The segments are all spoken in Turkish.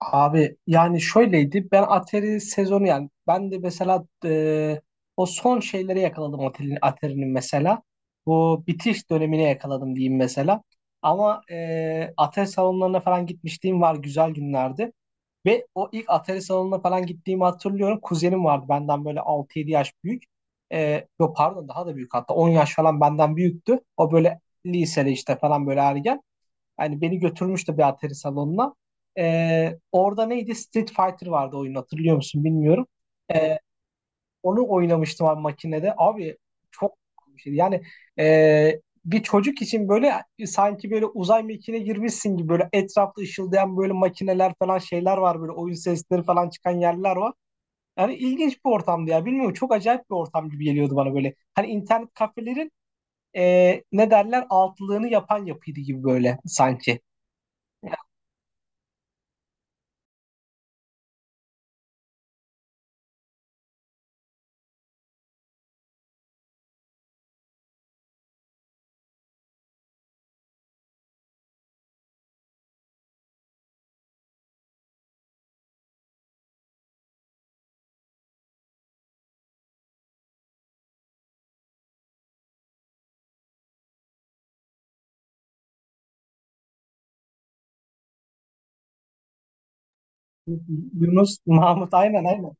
Abi, yani şöyleydi, ben Atari sezonu, yani ben de mesela o son şeyleri yakaladım, Atari'nin mesela bu bitiş dönemine yakaladım diyeyim mesela. Ama Atari salonlarına falan gitmişliğim var, güzel günlerdi ve o ilk Atari salonuna falan gittiğimi hatırlıyorum. Kuzenim vardı benden böyle 6-7 yaş büyük, yok pardon, daha da büyük, hatta 10 yaş falan benden büyüktü. O böyle lisede işte falan, böyle ergen. Hani beni götürmüştü bir Atari salonuna. Orada neydi? Street Fighter vardı oyun, hatırlıyor musun bilmiyorum. Ee, onu oynamıştım abi, makinede. Abi çok bir şeydi. Yani bir çocuk için böyle, sanki böyle uzay mekiğine girmişsin gibi, böyle etrafta ışıldayan böyle makineler falan, şeyler var, böyle oyun sesleri falan çıkan yerler var. Yani ilginç bir ortamdı ya. Bilmiyorum, çok acayip bir ortam gibi geliyordu bana böyle. Hani internet kafelerin ne derler, altlığını yapan yapıydı gibi böyle, sanki. Yunus Mahmut, aynen aynen.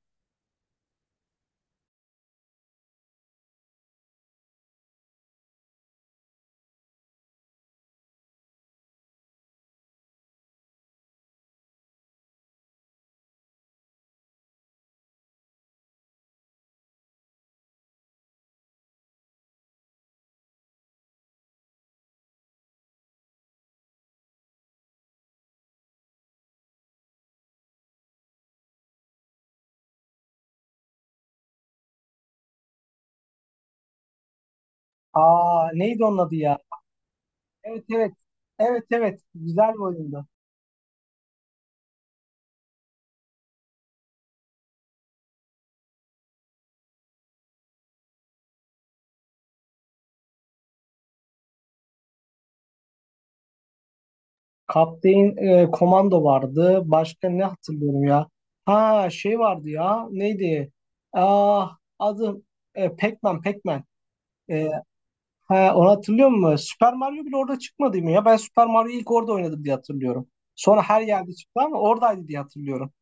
Aa, neydi onun adı ya? Evet evet. Evet evet. Güzel bir oyundu. Kaptein Komando vardı. Başka ne hatırlıyorum ya? Ha şey vardı ya. Neydi? Aa, adı Pac-Man, Pac-Man. E, ha, onu hatırlıyor musun? Super Mario bile orada çıkmadı mı ya? Ben Super Mario'yu ilk orada oynadım diye hatırlıyorum. Sonra her yerde çıktı, ama oradaydı diye hatırlıyorum.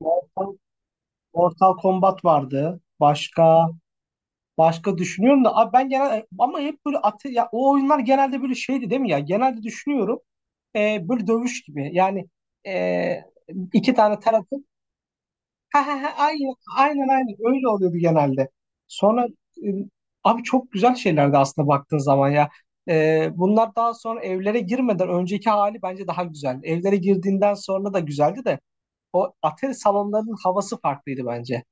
Mortal, Mortal Kombat vardı. Başka düşünüyorum da abi, ben genel ama hep böyle ya o oyunlar genelde böyle şeydi değil mi ya? Genelde düşünüyorum böyle dövüş gibi. Yani e, iki tane tarafı, ha ha ha, aynen aynen aynen, öyle oluyordu genelde. Sonra e, abi çok güzel şeylerdi aslında baktığın zaman ya. Bunlar daha sonra evlere girmeden önceki hali bence daha güzel. Evlere girdiğinden sonra da güzeldi de, o atari salonlarının havası farklıydı bence.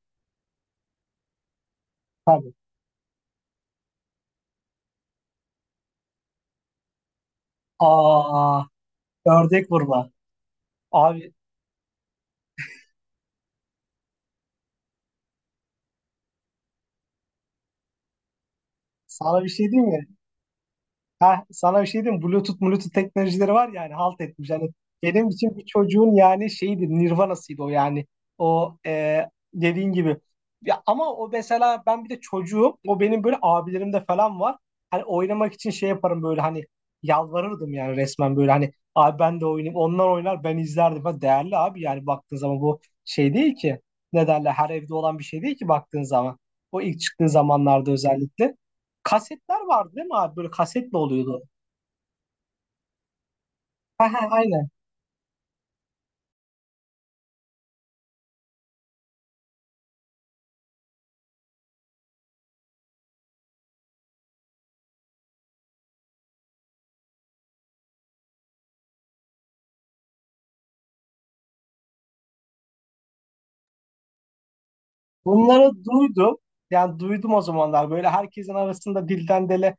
Tabii. Aa, ördek vurma. Abi, sana bir şey diyeyim mi? Ha, sana bir şey diyeyim mi? Bluetooth teknolojileri var yani, halt etmiş. Yani benim için bir çocuğun, yani şeydi, Nirvana'sıydı o yani. O, dediğin gibi. Ya, ama o mesela, ben bir de çocuğum. O benim böyle abilerimde falan var. Hani oynamak için şey yaparım böyle, hani yalvarırdım yani resmen, böyle hani abi ben de oynayayım. Onlar oynar, ben izlerdim. Ha, değerli abi, yani baktığın zaman bu şey değil ki. Ne derler, her evde olan bir şey değil ki baktığın zaman. O ilk çıktığı zamanlarda özellikle. Kasetler vardı değil mi abi? Böyle kasetle oluyordu. Ha ha, aynen. Bunları duydum. Yani duydum o zamanlar. Böyle herkesin arasında dilden dile,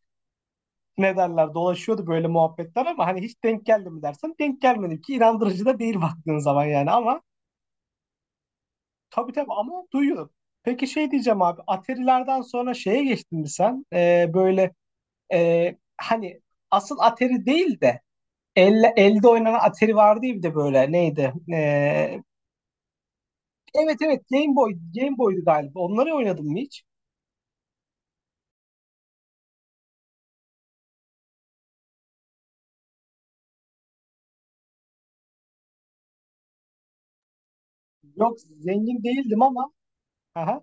ne derler, dolaşıyordu böyle muhabbetler, ama hani hiç denk geldi mi dersen, denk gelmedi ki, inandırıcı da değil baktığın zaman yani. Ama tabii tabii, ama duyuyorum. Peki şey diyeceğim abi, Atari'lerden sonra şeye geçtin mi sen? Böyle hani asıl Atari değil de, elde oynanan Atari vardı ya bir de, böyle neydi? Ee. Evet evet, Game Boy, Game Boy'du galiba. Onları oynadım mı hiç? Yok, zengin değildim ama. Aha,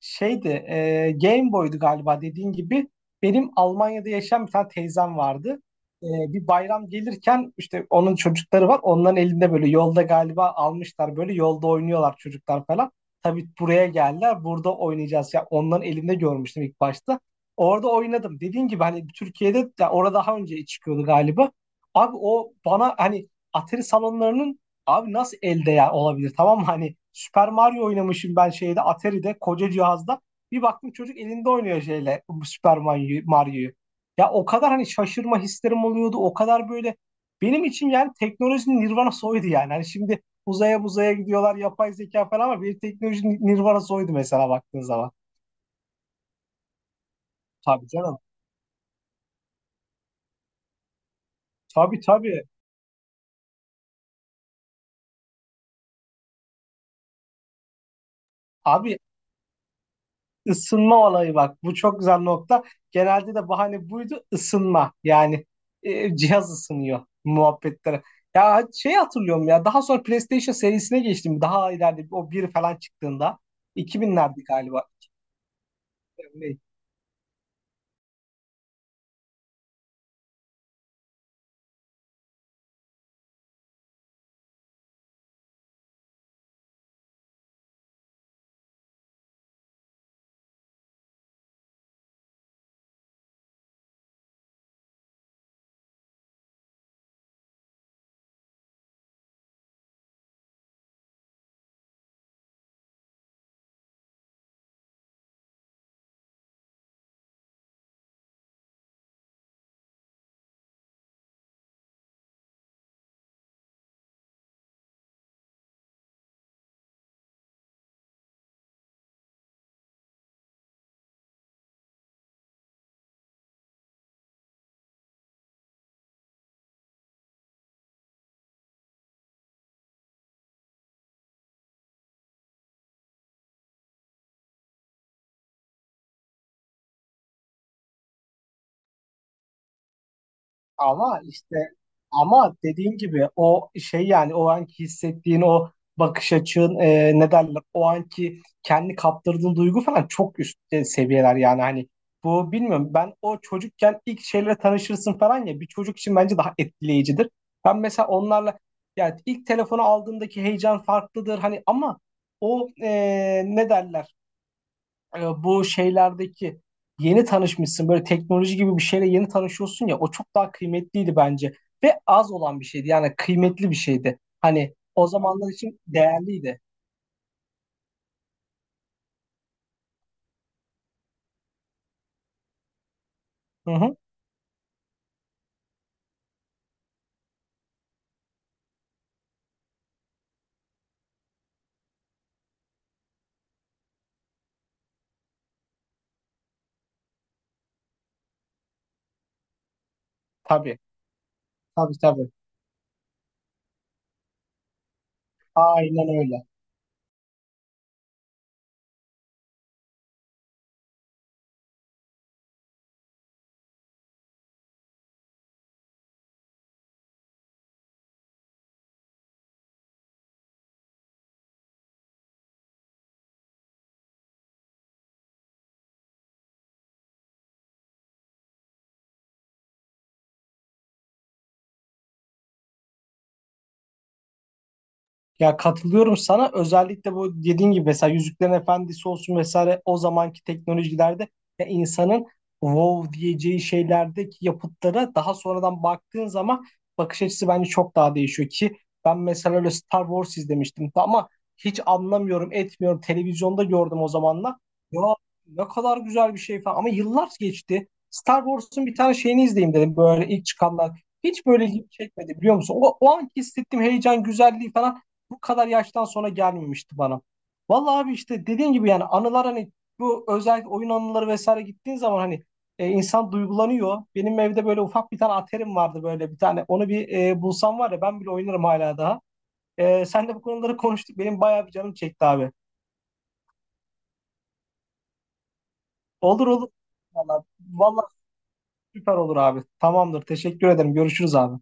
şeydi, Game Boy'du galiba, dediğin gibi. Benim Almanya'da yaşayan bir tane teyzem vardı. E, bir bayram gelirken, işte onun çocukları var. Onların elinde böyle, yolda galiba almışlar, böyle yolda oynuyorlar çocuklar falan. Tabii buraya geldiler. Burada oynayacağız. Ya onların elinde görmüştüm ilk başta. Orada oynadım. Dediğin gibi, hani Türkiye'de de orada daha önce çıkıyordu galiba. Abi, o bana hani Atari salonlarının, abi nasıl elde ya olabilir, tamam mı? Hani Super Mario oynamışım ben şeyde, Atari'de, koca cihazda. Bir baktım çocuk elinde oynuyor şeyle, bu Mario'yu. Ya o kadar, hani şaşırma hislerim oluyordu. O kadar böyle, benim için yani teknolojinin nirvanası oydu yani. Hani şimdi uzaya buzaya gidiyorlar, yapay zeka falan, ama bir teknolojinin nirvanası oydu mesela baktığın zaman. Tabii canım. Tabii tabii. Abi, Isınma olayı, bak bu çok güzel nokta. Genelde de bahane buydu, ısınma. Yani cihaz ısınıyor muhabbetlere. Ya şey hatırlıyorum ya, daha sonra PlayStation serisine geçtim. Daha ileride o bir falan çıktığında, 2000'lerde galiba. Ama işte, ama dediğim gibi, o şey yani, o anki hissettiğin o bakış açın, ne derler, o anki kendi kaptırdığın duygu falan çok üst seviyeler yani. Hani bu bilmiyorum, ben o çocukken ilk şeylere tanışırsın falan ya, bir çocuk için bence daha etkileyicidir. Ben mesela onlarla, yani ilk telefonu aldığımdaki heyecan farklıdır hani, ama o ne derler, bu şeylerdeki yeni tanışmışsın, böyle teknoloji gibi bir şeyle yeni tanışıyorsun ya, o çok daha kıymetliydi bence ve az olan bir şeydi, yani kıymetli bir şeydi. Hani o zamanlar için değerliydi. Hı hı. Tabii tabii tabii. Aynen öyle. Ya, katılıyorum sana. Özellikle bu dediğin gibi, mesela Yüzüklerin Efendisi olsun vesaire, o zamanki teknolojilerde, ya insanın wow diyeceği şeylerdeki yapıtlara daha sonradan baktığın zaman, bakış açısı bence çok daha değişiyor. Ki ben mesela öyle Star Wars izlemiştim, ama hiç anlamıyorum etmiyorum, televizyonda gördüm o zamanlar. Ya ne kadar güzel bir şey falan, ama yıllar geçti. Star Wars'un bir tane şeyini izleyeyim dedim, böyle ilk çıkanlar. Hiç böyle ilgimi çekmedi, biliyor musun? O, o anki hissettiğim heyecan, güzelliği falan bu kadar yaştan sonra gelmemişti bana. Vallahi abi işte, dediğim gibi yani, anılar hani, bu özellikle oyun anıları vesaire, gittiğin zaman hani insan duygulanıyor. Benim evde böyle ufak bir tane aterim vardı, böyle bir tane. Onu bir bulsam var ya, ben bile oynarım hala daha. Sen de bu konuları konuştuk. Benim bayağı bir canım çekti abi. Olur olur. Vallahi, vallahi süper olur abi. Tamamdır. Teşekkür ederim. Görüşürüz abi.